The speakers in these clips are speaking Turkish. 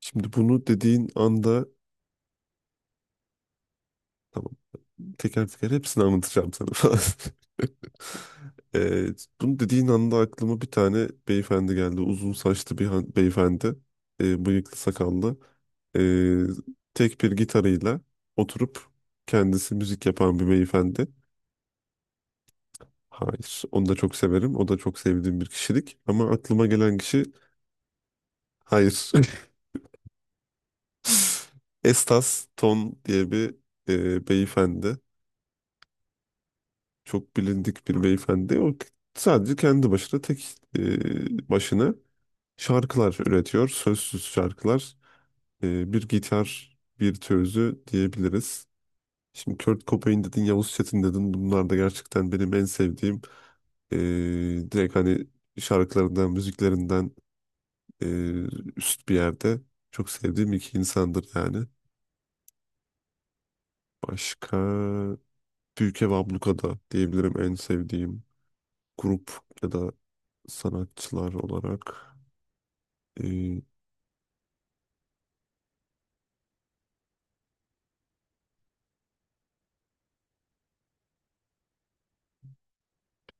Şimdi bunu dediğin anda, tamam, teker teker hepsini anlatacağım sana falan. Ee, Bunu dediğin anda aklıma bir tane beyefendi geldi. Uzun saçlı bir beyefendi. Bıyıklı sakallı. Ee, Tek bir gitarıyla oturup kendisi müzik yapan bir beyefendi. Hayır. Onu da çok severim. O da çok sevdiğim bir kişilik. Ama aklıma gelen kişi hayır. Estas Ton diye bir beyefendi. Çok bilindik bir beyefendi. O sadece kendi başına tek başına şarkılar üretiyor. Sözsüz şarkılar. Bir gitar virtüözü diyebiliriz. Şimdi Kurt Cobain dedin, Yavuz Çetin dedin. Bunlar da gerçekten benim en sevdiğim e, direkt hani şarkılarından, müziklerinden e, üst bir yerde çok sevdiğim iki insandır yani. Başka Büyükev Ablukada diyebilirim en sevdiğim grup ya da sanatçılar olarak. Ee,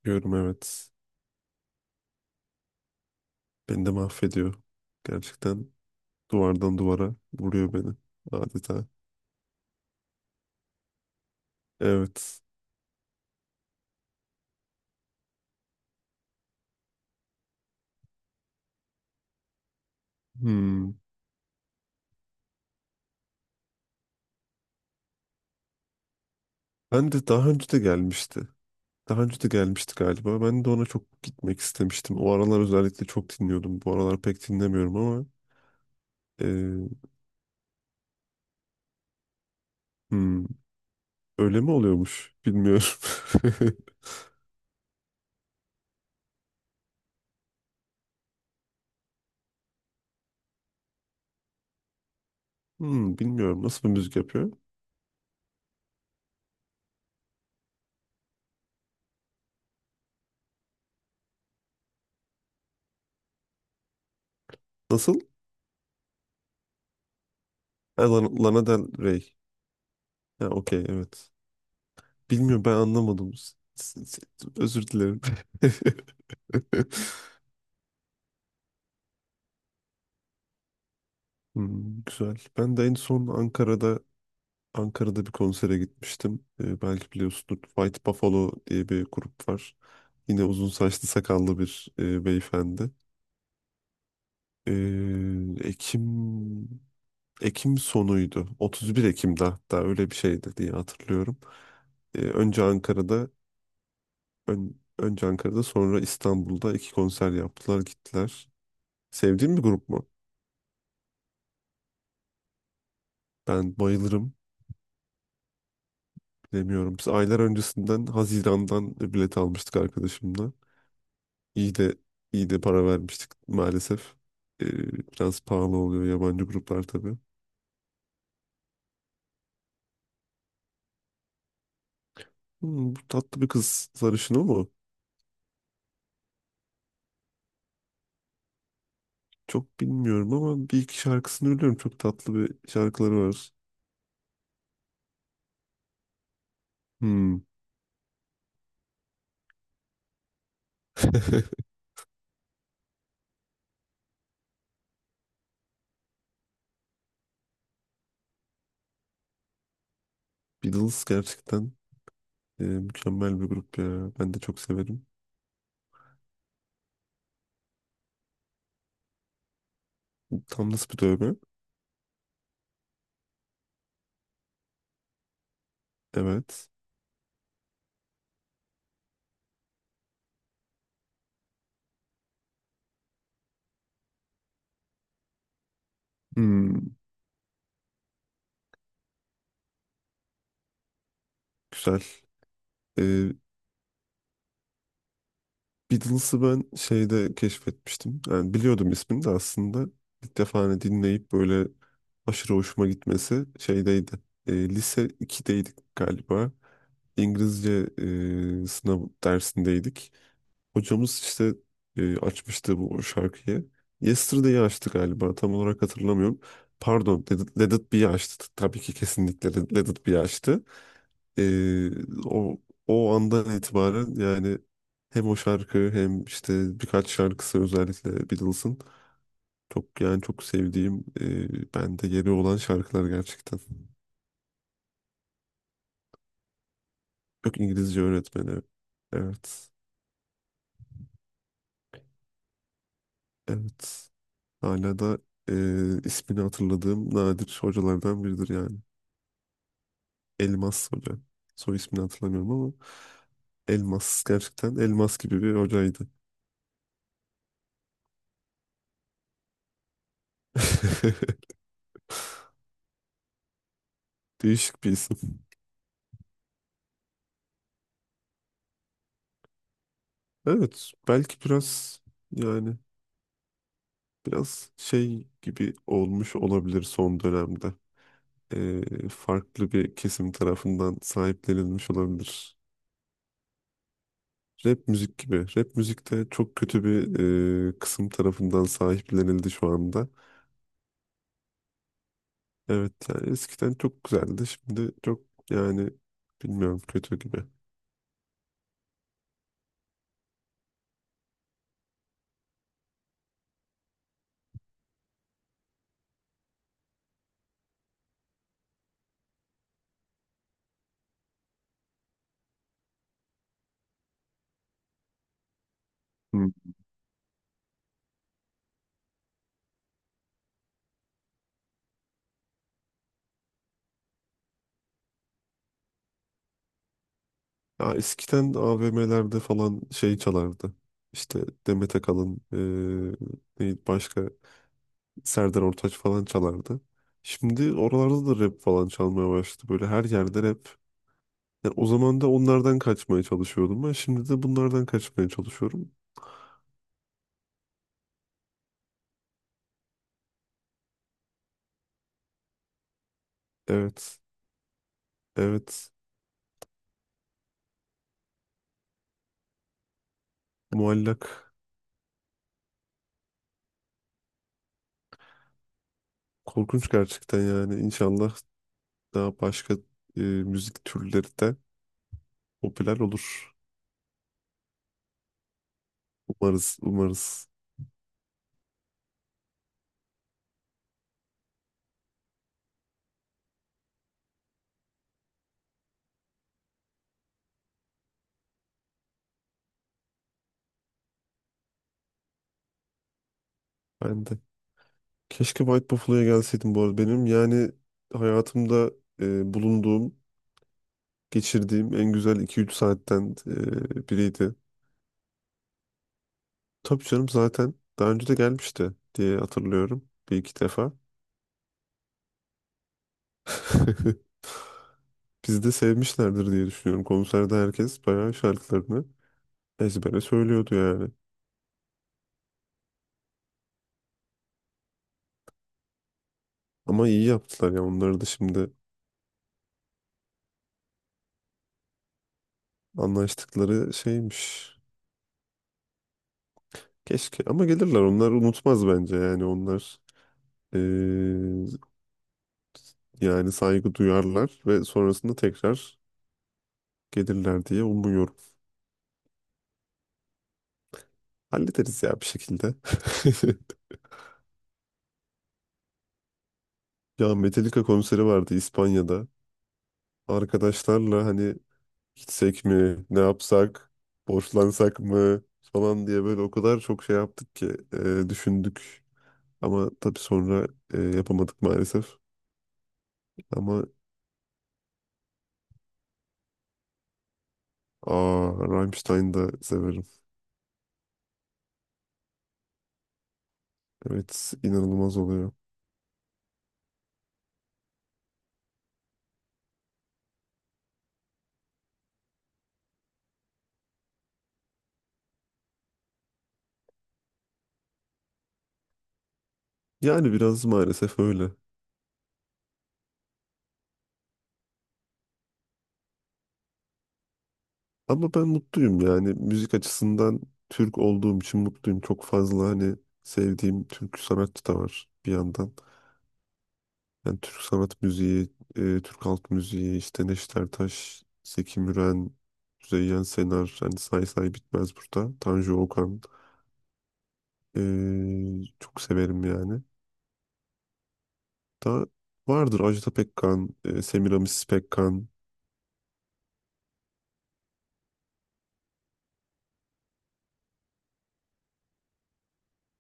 Diyorum evet. Beni de mahvediyor. Gerçekten duvardan duvara vuruyor beni adeta. Evet. Hmm. Ben de daha önce de gelmişti. Daha önce de gelmişti galiba. Ben de ona çok gitmek istemiştim. O aralar özellikle çok dinliyordum. Bu aralar pek dinlemiyorum ama e, hmm, öyle mi oluyormuş? Bilmiyorum. Hmm, bilmiyorum. Nasıl bir müzik yapıyor? Nasıl? Ha, Lana Del Rey. Ha, okey, evet. Bilmiyorum ben anlamadım. Özür dilerim. Hmm, güzel. Ben de en son Ankara'da bir konsere gitmiştim. Belki biliyorsunuz White Buffalo diye bir grup var. Yine uzun saçlı sakallı bir beyefendi. Ee, Ekim Ekim sonuydu. 31 Ekim'de hatta öyle bir şeydi diye hatırlıyorum. Ee, önce Ankara'da önce Ankara'da sonra İstanbul'da iki konser yaptılar gittiler. Sevdiğin bir grup mu? Ben bayılırım. Bilemiyorum. Biz aylar öncesinden Haziran'dan bilet almıştık arkadaşımla. İyi de iyi de para vermiştik maalesef. Ee, Biraz pahalı oluyor yabancı gruplar tabii. Hmm, bu tatlı bir kız sarışın o mu? Çok bilmiyorum ama bir iki şarkısını biliyorum. Çok tatlı bir şarkıları var. Hmm. Beatles gerçekten mükemmel bir grup ya. Ben de çok severim. Tam nasıl bir dövme? Evet. Hmm, güzel. Ee, Beatles'ı ben şeyde keşfetmiştim. Yani biliyordum ismini de aslında. İlk defa hani dinleyip böyle aşırı hoşuma gitmesi şeydeydi. Lise 2'deydik galiba. İngilizce sınav dersindeydik. Hocamız işte açmıştı bu şarkıyı. Yesterday'i açtı galiba, tam olarak hatırlamıyorum. Pardon Let It Be'yi açtı. Tabii ki kesinlikle Let It Be'yi açtı. Ee, o o andan itibaren yani hem o şarkı hem işte birkaç şarkısı özellikle Beatles'ın çok yani çok sevdiğim bende yeri olan şarkılar gerçekten. Yok, İngilizce öğretmeni. Evet. Evet. Hala da e, ismini hatırladığım nadir hocalardan biridir yani. Elmas Hoca. Soy ismini hatırlamıyorum ama Elmas gerçekten Elmas gibi bir hocaydı. Değişik bir isim. Evet. Belki biraz yani biraz şey gibi olmuş olabilir son dönemde. Farklı bir kesim tarafından sahiplenilmiş olabilir. Rap müzik gibi. Rap müzikte çok kötü bir kısım tarafından sahiplenildi şu anda. Evet yani eskiden çok güzeldi. Şimdi çok yani bilmiyorum, kötü gibi. Hı. Ya eskiden AVM'lerde falan şey çalardı. İşte Demet Akalın, neydi başka, Serdar Ortaç falan çalardı. Şimdi oralarda da rap falan çalmaya başladı. Böyle her yerde rap. Yani o zaman da onlardan kaçmaya çalışıyordum ben. Şimdi de bunlardan kaçmaya çalışıyorum. Evet. Evet. Muallak. Korkunç gerçekten yani. İnşallah daha başka müzik türleri de popüler olur. Umarız. Umarız. Ben de. Keşke White Buffalo'ya gelseydim bu arada. Benim yani hayatımda bulunduğum, geçirdiğim en güzel iki üç saatten biriydi. Tabii canım, zaten daha önce de gelmişti diye hatırlıyorum bir iki defa. Bizi de sevmişlerdir diye düşünüyorum. Konserde herkes bayağı şarkılarını ezbere söylüyordu yani. Ama iyi yaptılar ya, onları da şimdi anlaştıkları şeymiş. Keşke ama gelirler, onlar unutmaz bence yani onlar eee, yani saygı duyarlar ve sonrasında tekrar gelirler diye umuyorum. Hallederiz ya bir şekilde. Ya Metallica konseri vardı İspanya'da. Arkadaşlarla hani gitsek mi, ne yapsak, borçlansak mı falan diye böyle o kadar çok şey yaptık ki düşündük. Ama tabii sonra yapamadık maalesef. Ama aa, Rammstein'i de severim. Evet, inanılmaz oluyor. Yani biraz maalesef öyle. Ama ben mutluyum yani müzik açısından Türk olduğum için mutluyum. Çok fazla hani sevdiğim Türk sanatçı da var bir yandan. Yani Türk sanat müziği, Türk halk müziği, işte Neşet Ertaş, Zeki Müren, Zeyyen Senar, hani say say bitmez burada. Tanju Okan, e, çok severim yani. Da vardır Ajda Pekkan, Semiramis Pekkan.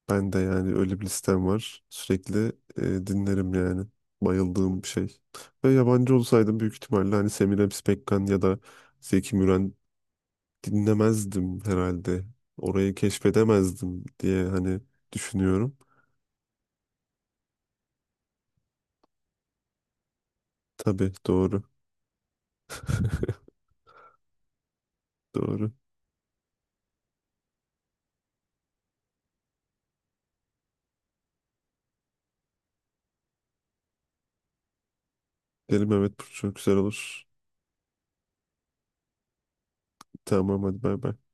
Ben de yani öyle bir listem var. Sürekli dinlerim yani. Bayıldığım bir şey. Ve yabancı olsaydım büyük ihtimalle hani Semiramis Pekkan ya da Zeki Müren dinlemezdim herhalde. Orayı keşfedemezdim diye hani düşünüyorum. Tabii, doğru. Doğru. Derim evet, bu çok güzel olur. Tamam hadi, bay bay.